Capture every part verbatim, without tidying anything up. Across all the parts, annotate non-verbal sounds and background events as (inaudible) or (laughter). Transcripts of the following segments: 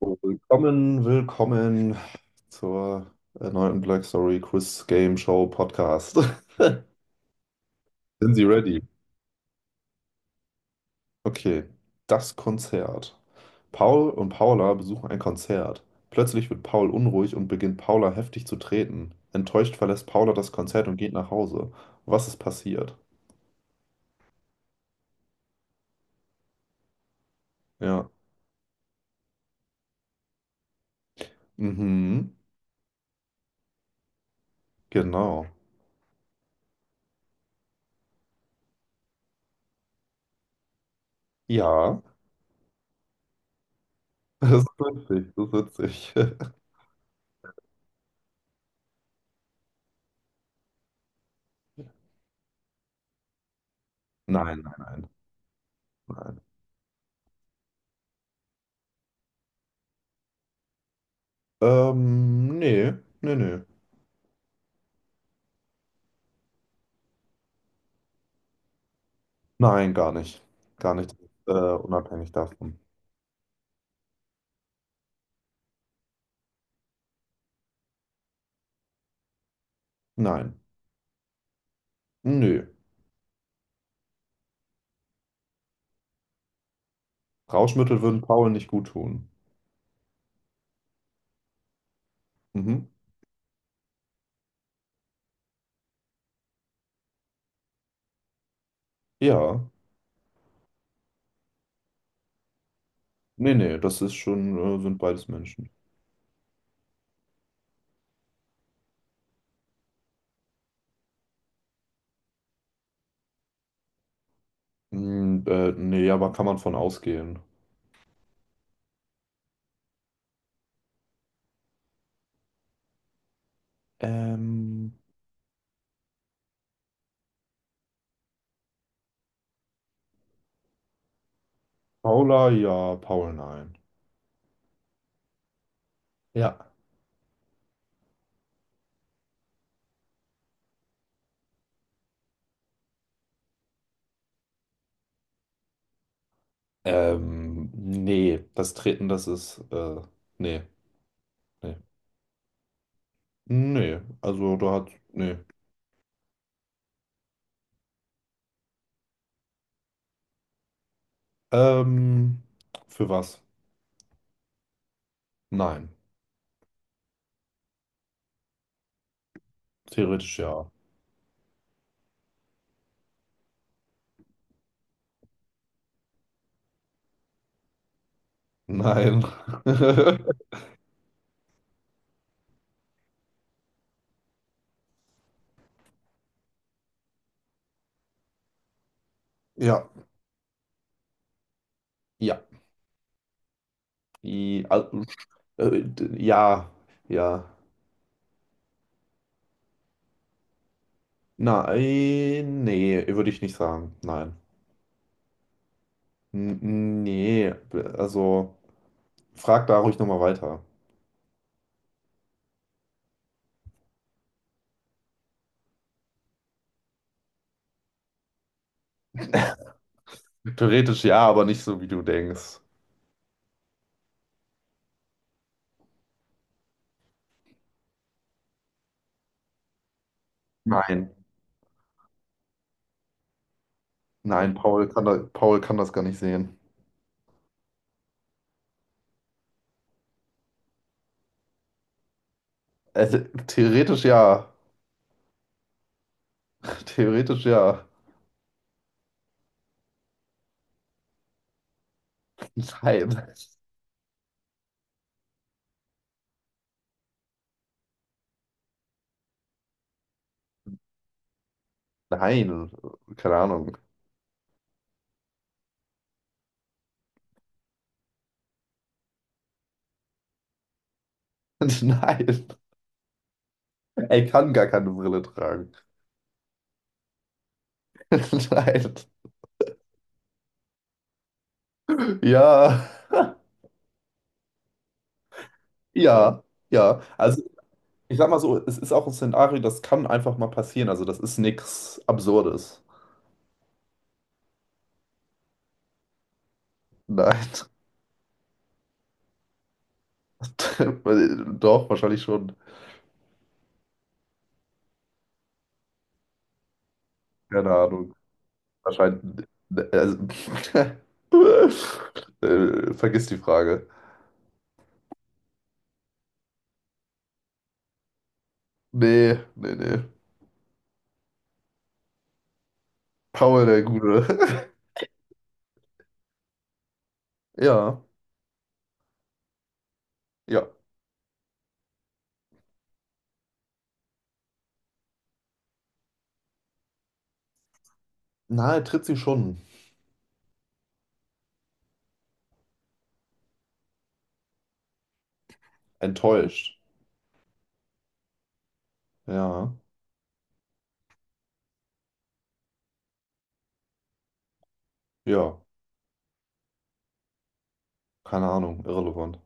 Willkommen, willkommen zur erneuten Black Story Quiz Game Show Podcast. (laughs) Sind Sie ready? Okay, das Konzert. Paul und Paula besuchen ein Konzert. Plötzlich wird Paul unruhig und beginnt Paula heftig zu treten. Enttäuscht verlässt Paula das Konzert und geht nach Hause. Was ist passiert? Ja. Mhm. Genau. Ja. (laughs) Das ist witzig. Das ist witzig. (laughs) Nein, nein, nein, nein. Ähm, nee, nee, nee. Nein, gar nicht. Gar nicht, äh, unabhängig davon. Nein. Nö. Rauschmittel würden Paul nicht gut tun. Mhm. Ja. Nee, nee, das ist schon, äh, sind beides Menschen. Hm, äh, nee, aber kann man von ausgehen. Ähm, Paula, ja, Paul, nein. Ja. Ähm, nee, das Treten, das ist, äh, nee, nee. Nee, also da hat, nee. Ähm, für was? Nein. Theoretisch ja. Nein. (laughs) Ja, ja. I, al- äh, d- ja, ja. Nein, nee, würde ich nicht sagen. Nein. N nee, also frag da ruhig nochmal weiter. Theoretisch ja, aber nicht so, wie du denkst. Nein, nein, Paul kann da, Paul kann das gar nicht sehen. Also, theoretisch ja. (laughs) Theoretisch ja. Nein. Nein, keine Ahnung. (laughs) Nein, er kann gar keine Brille tragen. (laughs) Nein. Ja. Ja, ja. Also ich sag mal so, es ist auch ein Szenario, das kann einfach mal passieren. Also das ist nichts Absurdes. Nein. (laughs) Doch, wahrscheinlich schon. Keine Ahnung. Wahrscheinlich. äh, Also, (laughs) äh, vergiss die Frage. Nee, nee, nee. Paul, der Gute. (laughs) Ja, ja. Na, er tritt sie schon. Enttäuscht. Ja, ja. Keine Ahnung, irrelevant.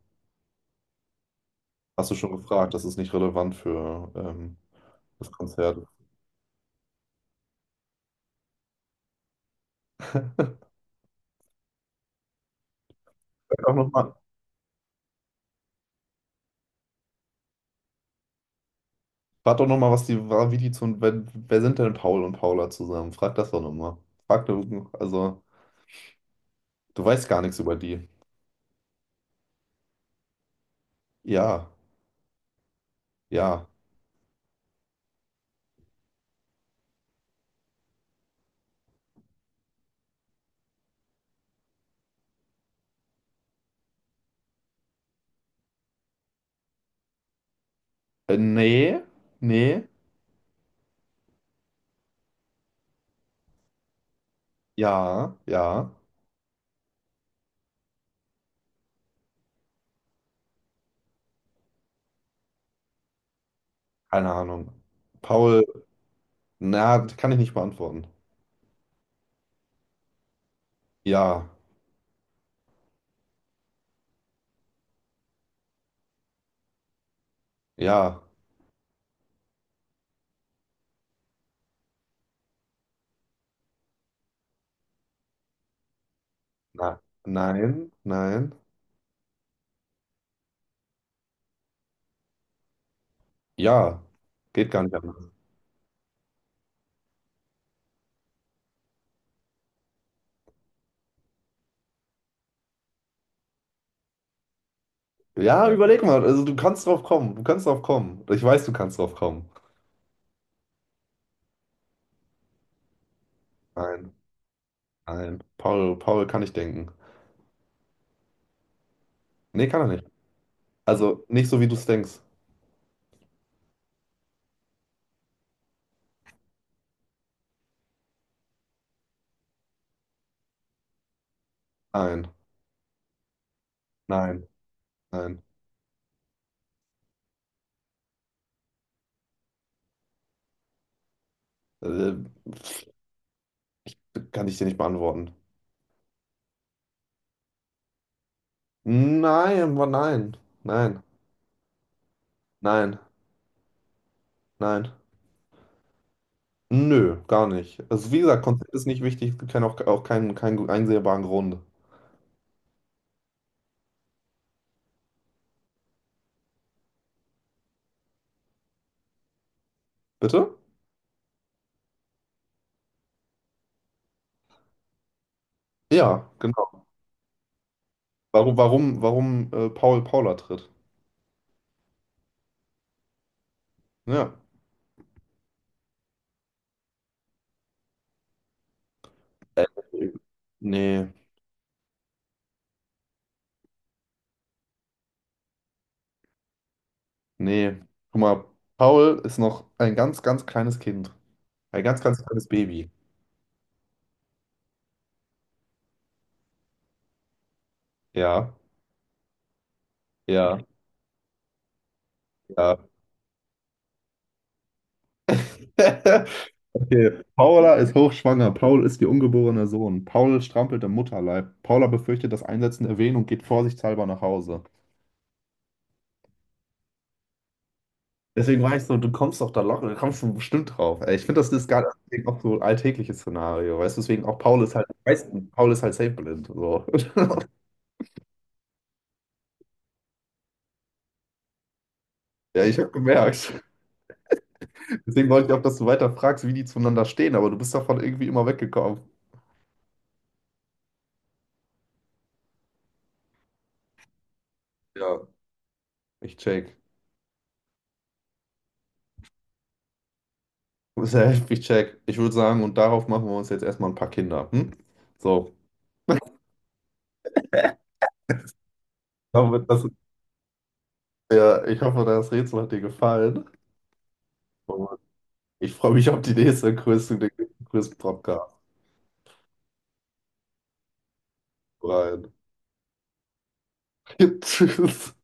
Hast du schon gefragt, das ist nicht relevant für ähm, das Konzert. (laughs) Frag doch nochmal, frag doch noch mal, was die, war- wie die zu, wer, wer sind denn Paul und Paula zusammen? Frag das doch nochmal. Frag, du- also, du weißt gar nichts über die. Ja, ja. Äh, nee, nee, ja, ja. Keine Ahnung. Paul, na, das kann ich nicht beantworten. Ja, ja, na, nein, nein, ja. Geht gar nicht anders. Ja, überleg mal, also du kannst drauf kommen, du kannst drauf kommen. Ich weiß, du kannst drauf kommen. Nein, nein. Paul, Paul kann ich denken. Nee, kann er nicht. Also nicht so, wie du es denkst. Nein, nein, nein. Äh, kann ich dir nicht beantworten. Nein, wa- nein, nein, nein, nein. Nö, gar nicht. Also wie gesagt, Konzept ist nicht wichtig. Es gibt auch, auch keinen, keinen einsehbaren Grund. Bitte? Ja, genau. Warum, warum, warum äh, Paul Paula tritt? Ja. Äh, nee, nee. Guck mal, Paul ist noch ein ganz, ganz kleines Kind. Ein ganz, ganz kleines Baby. Ja, ja, ja. (laughs) Okay. Paula ist hochschwanger. Paul ist ihr ungeborener Sohn. Paul strampelt im Mutterleib. Paula befürchtet das Einsetzen der Wehen und geht vorsichtshalber nach Hause. Deswegen war ich so, du kommst doch da locker, du kommst schon bestimmt drauf. Ey, ich finde, das ist gar deswegen auch so ein alltägliches Szenario, weißt du? Deswegen auch Paul ist halt, weißt du, Paul ist halt safe blind. So. (laughs) Ja, ich habe gemerkt. Deswegen wollte ich auch, dass du weiter fragst, wie die zueinander stehen, aber du bist davon irgendwie immer weggekommen. Ja, ich check. (laughs) Safe, ich check. Ich würde sagen, und darauf machen wir uns jetzt erstmal ein paar Kinder. Hm? So. Hoffe, das, ja, ich hoffe, das Rätsel hat dir gefallen. Und ich freue mich auf die nächste Quiz, den nächsten Quiz-Podcast rein. (laughs) Tschüss.